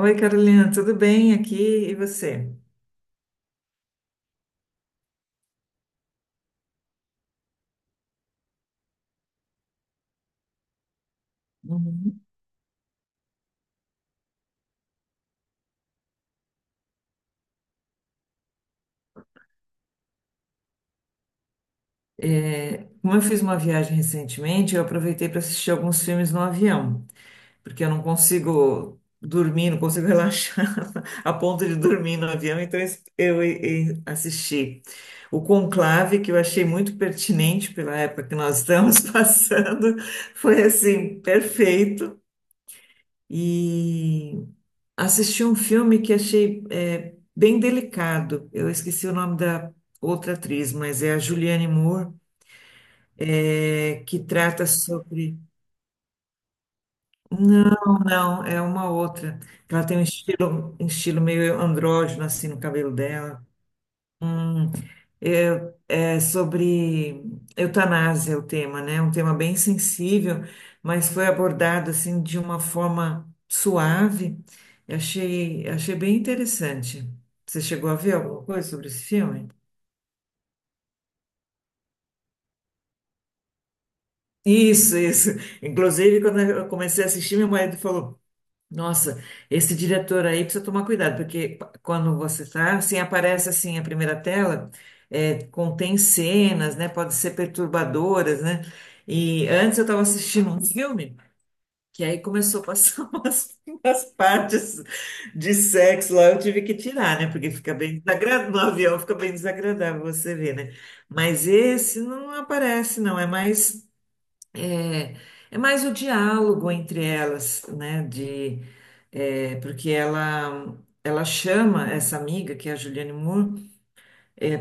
Oi, Carolina, tudo bem aqui? E você? Uhum. Como eu fiz uma viagem recentemente, eu aproveitei para assistir alguns filmes no avião, porque eu não consigo dormir, não consigo relaxar a ponto de dormir no avião, então e assisti o Conclave, que eu achei muito pertinente pela época que nós estamos passando, foi assim, perfeito. E assisti um filme que achei bem delicado. Eu esqueci o nome da outra atriz, mas é a Julianne Moore, que trata sobre. Não, não, é uma outra. Ela tem um estilo meio andrógeno assim no cabelo dela. Hum. É sobre eutanásia o tema, né? Um tema bem sensível, mas foi abordado assim de uma forma suave. Achei bem interessante. Você chegou a ver alguma coisa sobre esse filme? Isso, isso. Inclusive, quando eu comecei a assistir, meu marido falou: "Nossa, esse diretor aí precisa tomar cuidado", porque quando você está assim, aparece assim a primeira tela, contém cenas, né? Pode ser perturbadoras, né? E antes eu estava assistindo um filme, que aí começou a passar umas partes de sexo lá, eu tive que tirar, né? Porque fica bem desagradável, no avião fica bem desagradável você ver, né? Mas esse não aparece, não, é mais. É, é mais o diálogo entre elas, né? Porque ela chama essa amiga, que é a Juliane Moore,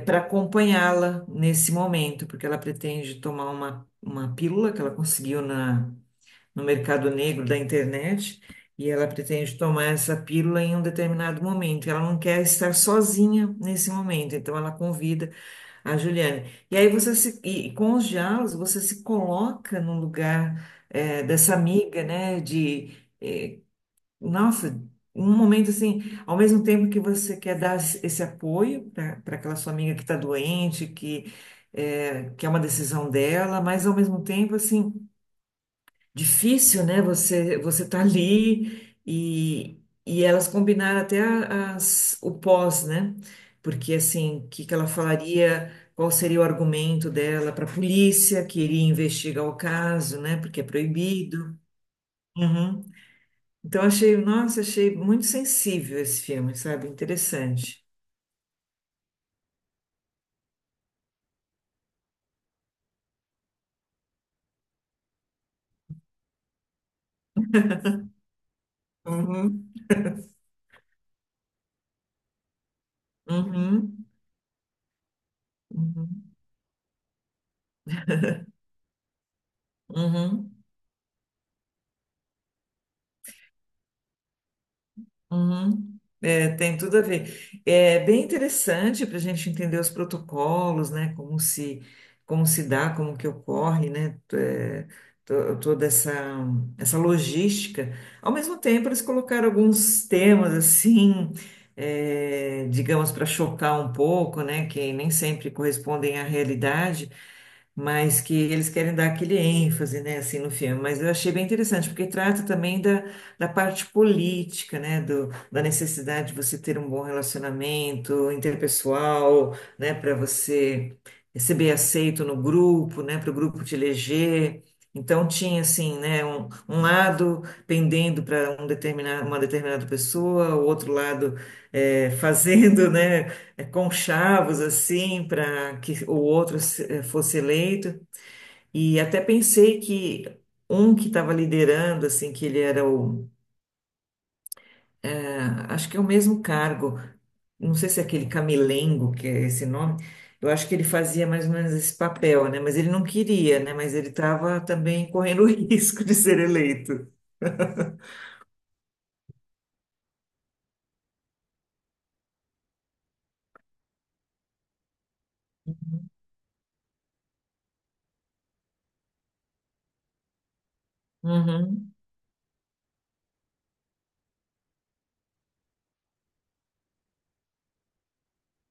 para acompanhá-la nesse momento, porque ela pretende tomar uma pílula que ela conseguiu no mercado negro da internet, e ela pretende tomar essa pílula em um determinado momento. Ela não quer estar sozinha nesse momento, então ela convida a Juliane. E aí você se, e com os diálogos você se coloca no lugar dessa amiga, né? Eh, nossa, um momento assim, ao mesmo tempo que você quer dar esse apoio para aquela sua amiga que está doente, que que é uma decisão dela, mas ao mesmo tempo assim difícil, né? Você tá ali e elas combinaram até o pós, né? Porque assim, o que que ela falaria? Qual seria o argumento dela para a polícia que iria investigar o caso, né? Porque é proibido. Uhum. Então achei, nossa, achei muito sensível esse filme, sabe? Interessante. Uhum. Uhum. Uhum. Uhum. Uhum. É, tem tudo a ver. É bem interessante para a gente entender os protocolos, né? Como se dá, como que ocorre, né? Toda essa logística. Ao mesmo tempo, eles colocaram alguns temas assim, é, digamos, para chocar um pouco, né? Que nem sempre correspondem à realidade, mas que eles querem dar aquele ênfase, né? Assim, no filme. Mas eu achei bem interessante, porque trata também da parte política, né, da necessidade de você ter um bom relacionamento interpessoal, né, para você ser bem aceito no grupo, né, para o grupo te eleger. Então tinha assim, né, um lado pendendo para um determinado, uma determinada pessoa, o outro lado fazendo, né, conchavos assim para que o outro fosse eleito. E até pensei que um que estava liderando, assim, que ele era o... Acho que é o mesmo cargo. Não sei se é aquele Camelengo, que é esse nome. Eu acho que ele fazia mais ou menos esse papel, né? Mas ele não queria, né? Mas ele estava também correndo o risco de ser eleito. Uhum,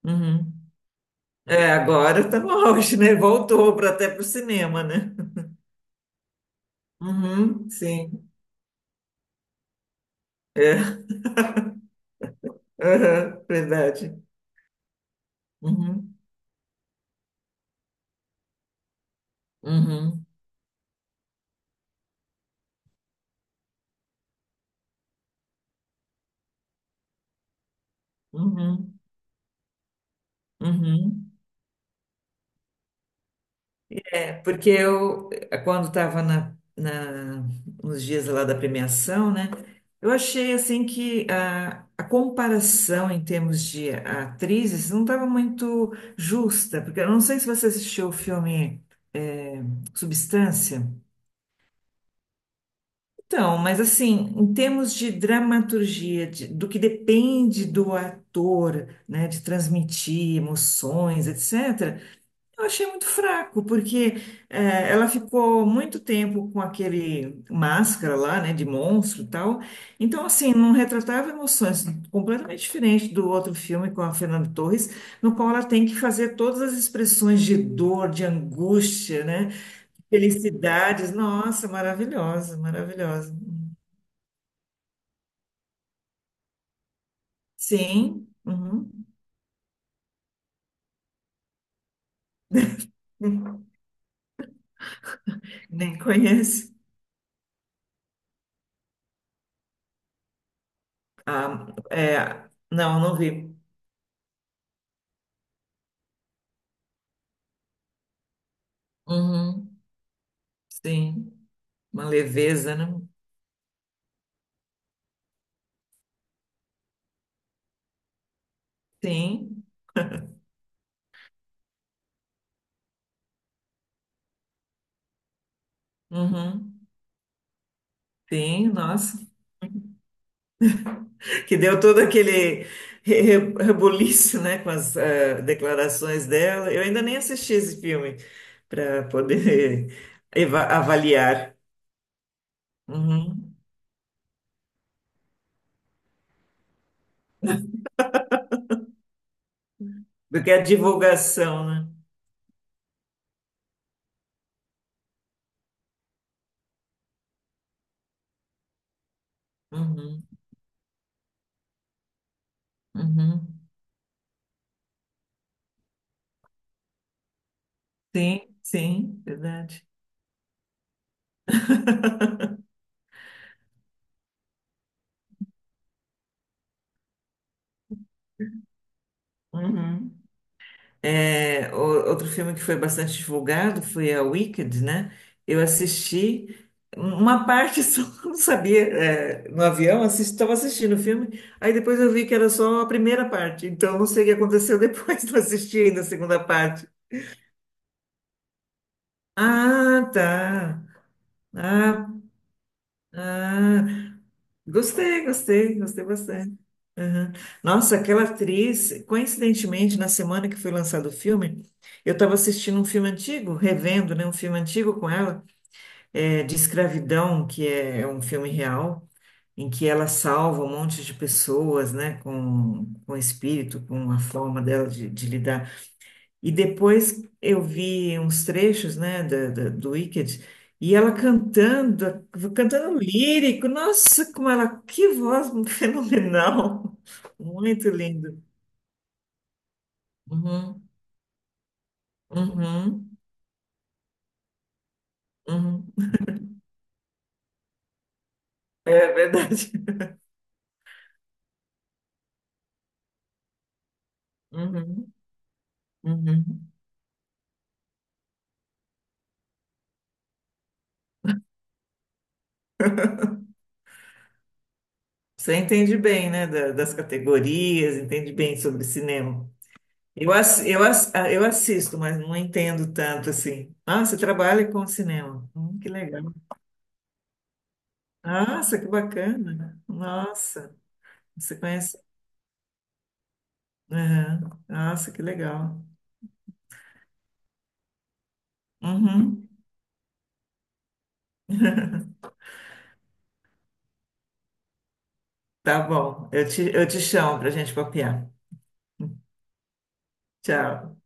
uhum. É, agora está no auge, né? Voltou para até para o cinema, né? Uhum, sim. É, aham, verdade. Uhum, uhum, uhum, uhum. É, porque quando estava nos dias lá da premiação, né, eu achei assim que a comparação em termos de atrizes não estava muito justa, porque eu não sei se você assistiu o filme é, Substância. Então, mas assim, em termos de dramaturgia, do que depende do ator, né, de transmitir emoções, etc. Eu achei muito fraco, porque ela ficou muito tempo com aquele máscara lá, né, de monstro e tal. Então, assim, não retratava emoções, completamente diferente do outro filme com a Fernanda Torres, no qual ela tem que fazer todas as expressões de dor, de angústia, né, felicidades. Nossa, maravilhosa, maravilhosa. Sim, uhum. Nem conheço. Ah, é, não, não vi. Uhum. Sim, uma leveza, né? Sim, uhum, sim, nossa. Que deu todo aquele rebuliço, né, com as declarações dela. Eu ainda nem assisti esse filme para poder avaliar. Uhum. Do a divulgação, né? Uhum, uhum. Sim, sim, verdade. Uhum. É, outro filme que foi bastante divulgado foi a Wicked, né? Eu assisti uma parte só, não sabia, é, no avião, estava assistindo o filme, aí depois eu vi que era só a primeira parte, então não sei o que aconteceu depois, não assisti ainda a segunda parte. Ah, tá. Ah, ah. Gostei, gostei, gostei bastante. Aham. Nossa, aquela atriz, coincidentemente, na semana que foi lançado o filme, eu estava assistindo um filme antigo, revendo, né, um filme antigo com ela, é, de escravidão, que é um filme real, em que ela salva um monte de pessoas, né, com o espírito, com a forma dela de lidar. E depois eu vi uns trechos, né, do Wicked, e ela cantando, cantando lírico. Nossa, como ela, que voz fenomenal! Muito lindo. Uhum, uhum, uhum. É verdade. Uhum, uhum. Você entende bem, né, das categorias, entende bem sobre cinema. Eu assisto, mas não entendo tanto assim. Ah, você trabalha com cinema. Que legal. Nossa, que bacana. Nossa, você conhece? Aham. Nossa, que legal. Uhum. Tá bom, eu te chamo para gente copiar. Tchau.